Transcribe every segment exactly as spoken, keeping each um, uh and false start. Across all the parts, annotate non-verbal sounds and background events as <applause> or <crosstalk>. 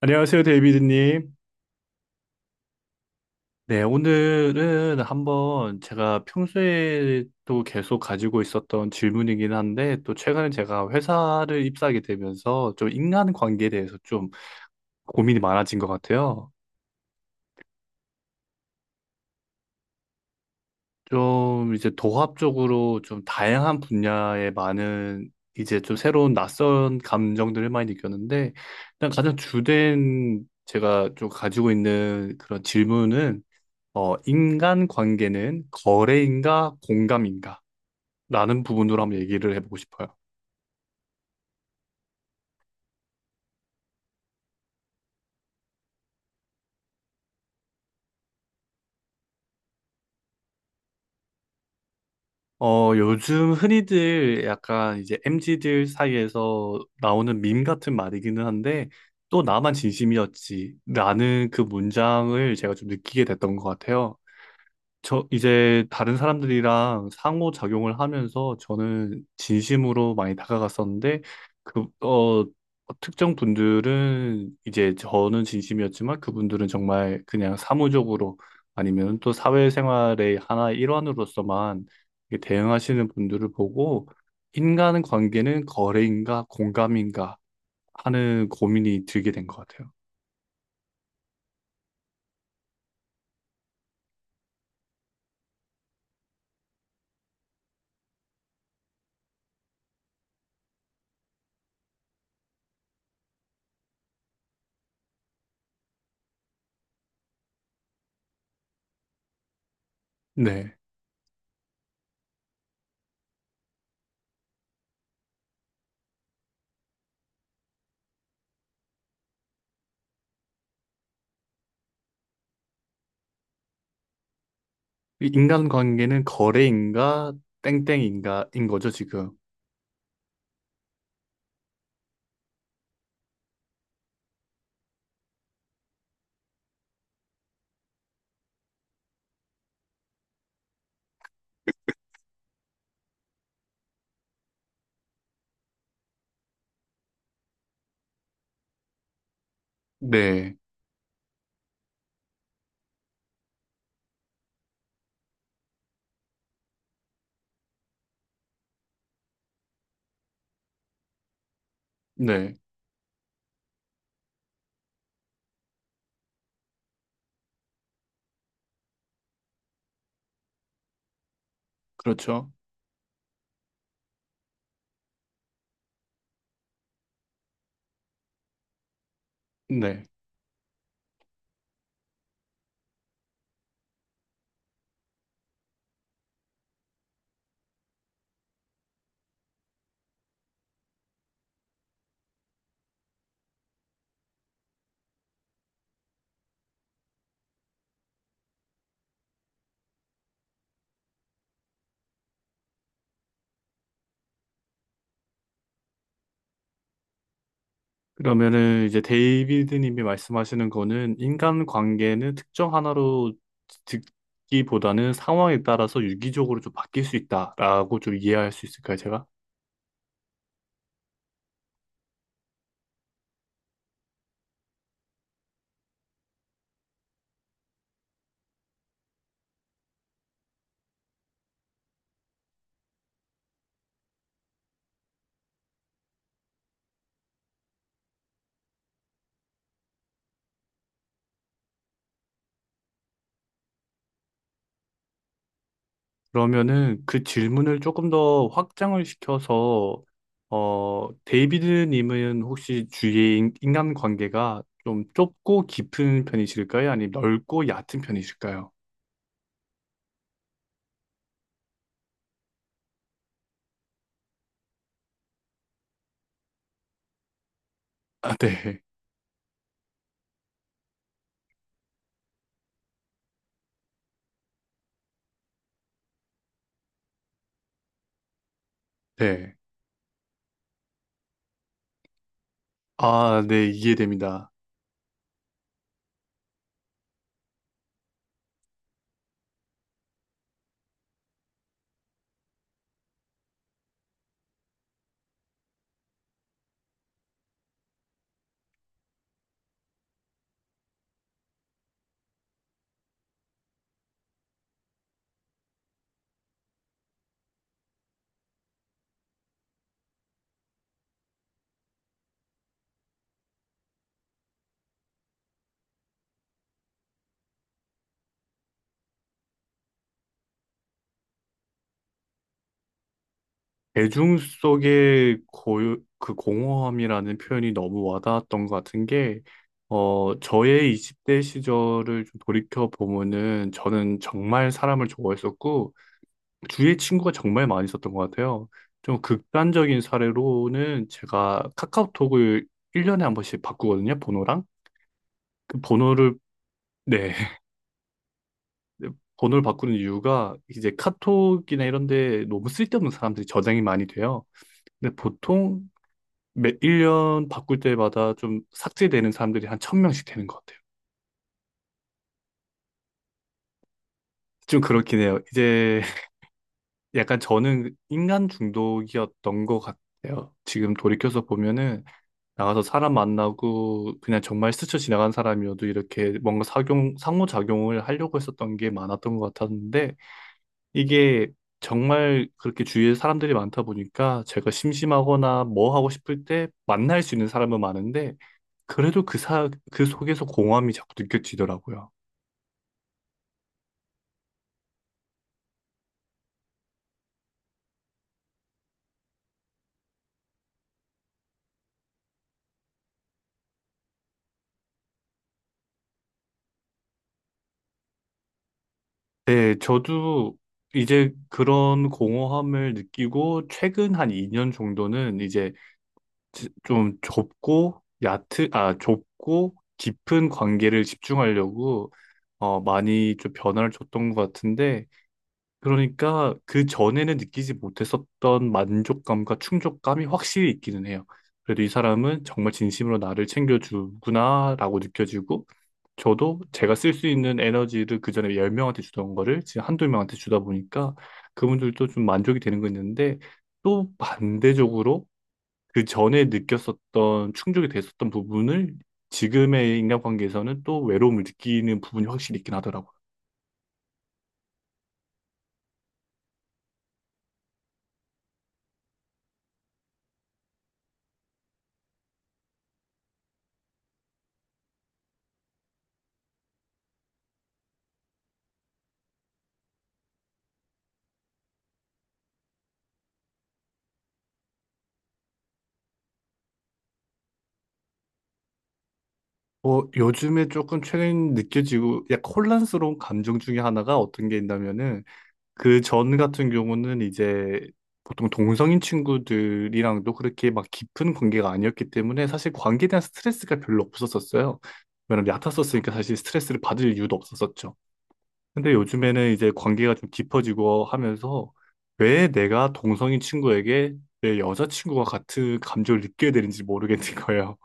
안녕하세요, 데이비드님. 네, 오늘은 한번 제가 평소에 또 계속 가지고 있었던 질문이긴 한데, 또 최근에 제가 회사를 입사하게 되면서 좀 인간관계에 대해서 좀 고민이 많아진 것 같아요. 좀 이제 도합적으로 좀 다양한 분야에 많은 이제 좀 새로운 낯선 감정들을 많이 느꼈는데, 일단 가장 주된 제가 좀 가지고 있는 그런 질문은 어, 인간 관계는 거래인가 공감인가? 라는 부분으로 한번 얘기를 해보고 싶어요. 어, 요즘 흔히들 약간 이제 m 지들 사이에서 나오는 밈 같은 말이기는 한데, 또 나만 진심이었지. 라는 그 문장을 제가 좀 느끼게 됐던 것 같아요. 저 이제 다른 사람들이랑 상호작용을 하면서 저는 진심으로 많이 다가갔었는데 그, 어, 특정 분들은 이제 저는 진심이었지만 그분들은 정말 그냥 사무적으로 아니면 또 사회생활의 하나의 일환으로서만 이렇게 대응하시는 분들을 보고 인간 관계는 거래인가 공감인가 하는 고민이 들게 된 것 같아요. 네. 인간 관계는 거래인가 땡땡인가인 거죠, 지금. 네, 네, 그렇죠. 네. 그러면은 이제 데이비드님이 말씀하시는 거는 인간 관계는 특정 하나로 듣기보다는 상황에 따라서 유기적으로 좀 바뀔 수 있다라고 좀 이해할 수 있을까요, 제가? 그러면은 그 질문을 조금 더 확장을 시켜서 어, 데이비드님은 혹시 주위의 인- 인간 관계가 좀 좁고 깊은 편이실까요? 아니면 넓고 얕은 편이실까요? 아, 네, 네. 아, 네, 이해됩니다. 대중 속의 고유, 그 공허함이라는 표현이 너무 와닿았던 것 같은 게, 어, 저의 이십 대 시절을 좀 돌이켜 보면은 저는 정말 사람을 좋아했었고, 주위에 친구가 정말 많이 있었던 것 같아요. 좀 극단적인 사례로는 제가 카카오톡을 일 년에 한 번씩 바꾸거든요, 번호랑. 그 번호를, 네. <laughs> 번호를 바꾸는 이유가 이제 카톡이나 이런 데 너무 쓸데없는 사람들이 저장이 많이 돼요. 근데 보통 매 일 년 바꿀 때마다 좀 삭제되는 사람들이 한 천 명씩 되는 것 같아요. 좀 그렇긴 해요. 이제 <laughs> 약간 저는 인간 중독이었던 것 같아요. 지금 돌이켜서 보면은 나가서 사람 만나고 그냥 정말 스쳐 지나간 사람이어도 이렇게 뭔가 작용, 상호작용을 하려고 했었던 게 많았던 것 같았는데 이게 정말 그렇게 주위에 사람들이 많다 보니까 제가 심심하거나 뭐 하고 싶을 때 만날 수 있는 사람은 많은데 그래도 그 사, 그 속에서 공허함이 자꾸 느껴지더라고요. 네, 저도 이제 그런 공허함을 느끼고 최근 한 이 년 정도는 이제 지- 좀 좁고 얕은, 아, 좁고 깊은 관계를 집중하려고 어, 많이 좀 변화를 줬던 것 같은데 그러니까 그 전에는 느끼지 못했었던 만족감과 충족감이 확실히 있기는 해요. 그래도 이 사람은 정말 진심으로 나를 챙겨주구나라고 느껴지고, 저도 제가 쓸 수 있는 에너지를 그 전에 열 명한테 주던 거를 지금 한두 명한테 주다 보니까 그분들도 좀 만족이 되는 거 있는데, 또 반대적으로 그 전에 느꼈었던 충족이 됐었던 부분을 지금의 인간관계에서는 또 외로움을 느끼는 부분이 확실히 있긴 하더라고요. 어, 요즘에 조금 최근 느껴지고 약간 혼란스러운 감정 중에 하나가 어떤 게 있냐면은 그 전 같은 경우는 이제 보통 동성인 친구들이랑도 그렇게 막 깊은 관계가 아니었기 때문에 사실 관계에 대한 스트레스가 별로 없었었어요. 왜냐면 얕았었으니까 사실 스트레스를 받을 이유도 없었었죠. 근데 요즘에는 이제 관계가 좀 깊어지고 하면서 왜 내가 동성인 친구에게 내 여자친구와 같은 감정을 느껴야 되는지 모르겠는 <laughs> 거예요.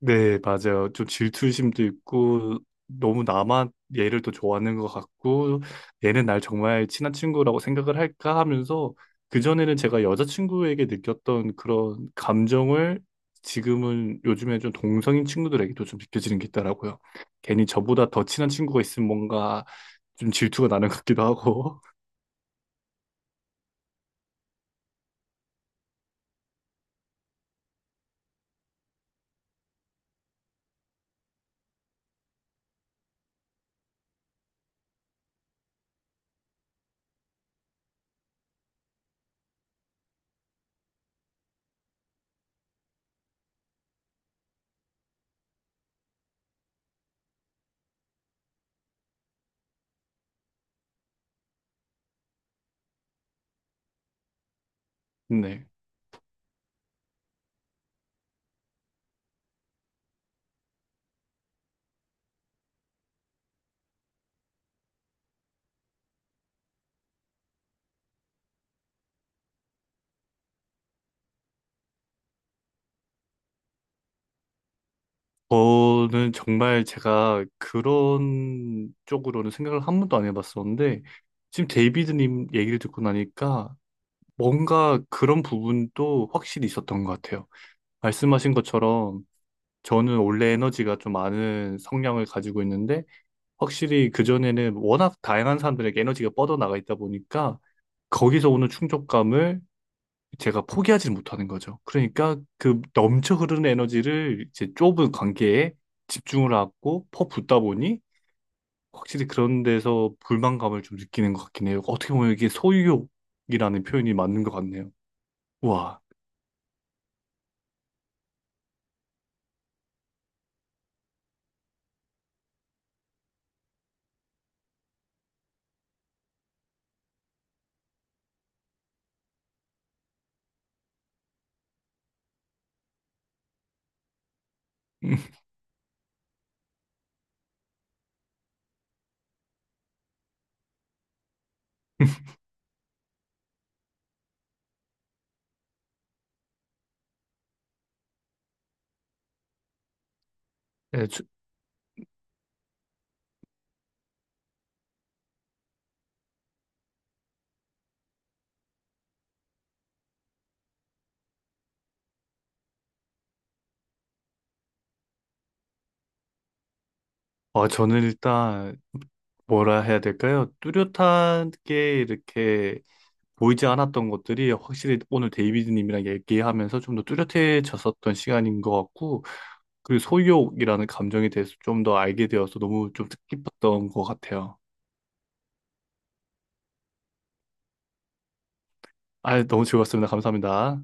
네, 맞아요. 좀 질투심도 있고, 너무 나만 얘를 또 좋아하는 것 같고, 얘는 날 정말 친한 친구라고 생각을 할까 하면서, 그전에는 제가 여자친구에게 느꼈던 그런 감정을 지금은 요즘에 좀 동성인 친구들에게도 좀 느껴지는 게 있더라고요. 괜히 저보다 더 친한 친구가 있으면 뭔가 좀 질투가 나는 것 같기도 하고, <laughs> 네. 저는 정말 제가 그런 쪽으로는 생각을 한 번도 안 해봤었는데, 지금 데이비드님 얘기를 듣고 나니까 뭔가 그런 부분도 확실히 있었던 것 같아요. 말씀하신 것처럼 저는 원래 에너지가 좀 많은 성향을 가지고 있는데, 확실히 그전에는 워낙 다양한 사람들에게 에너지가 뻗어나가 있다 보니까, 거기서 오는 충족감을 제가 포기하지 못하는 거죠. 그러니까 그 넘쳐 흐르는 에너지를 이제 좁은 관계에 집중을 하고 퍼붓다 보니 확실히 그런 데서 불만감을 좀 느끼는 것 같긴 해요. 어떻게 보면 이게 소유욕이라는 표현이 맞는 것 같네요. 와. <laughs> 네, 저, 아, 저는 일단 뭐라 해야 될까요? 뚜렷하게 이렇게 보이지 않았던 것들이 확실히 오늘 데이비드님이랑 얘기하면서 좀 더 뚜렷해졌었던 시간인 것 같고, 그리고 소유욕이라는 감정에 대해서 좀 더 알게 되어서 너무 좀 뜻깊었던 것 같아요. 아, 너무 즐거웠습니다. 감사합니다.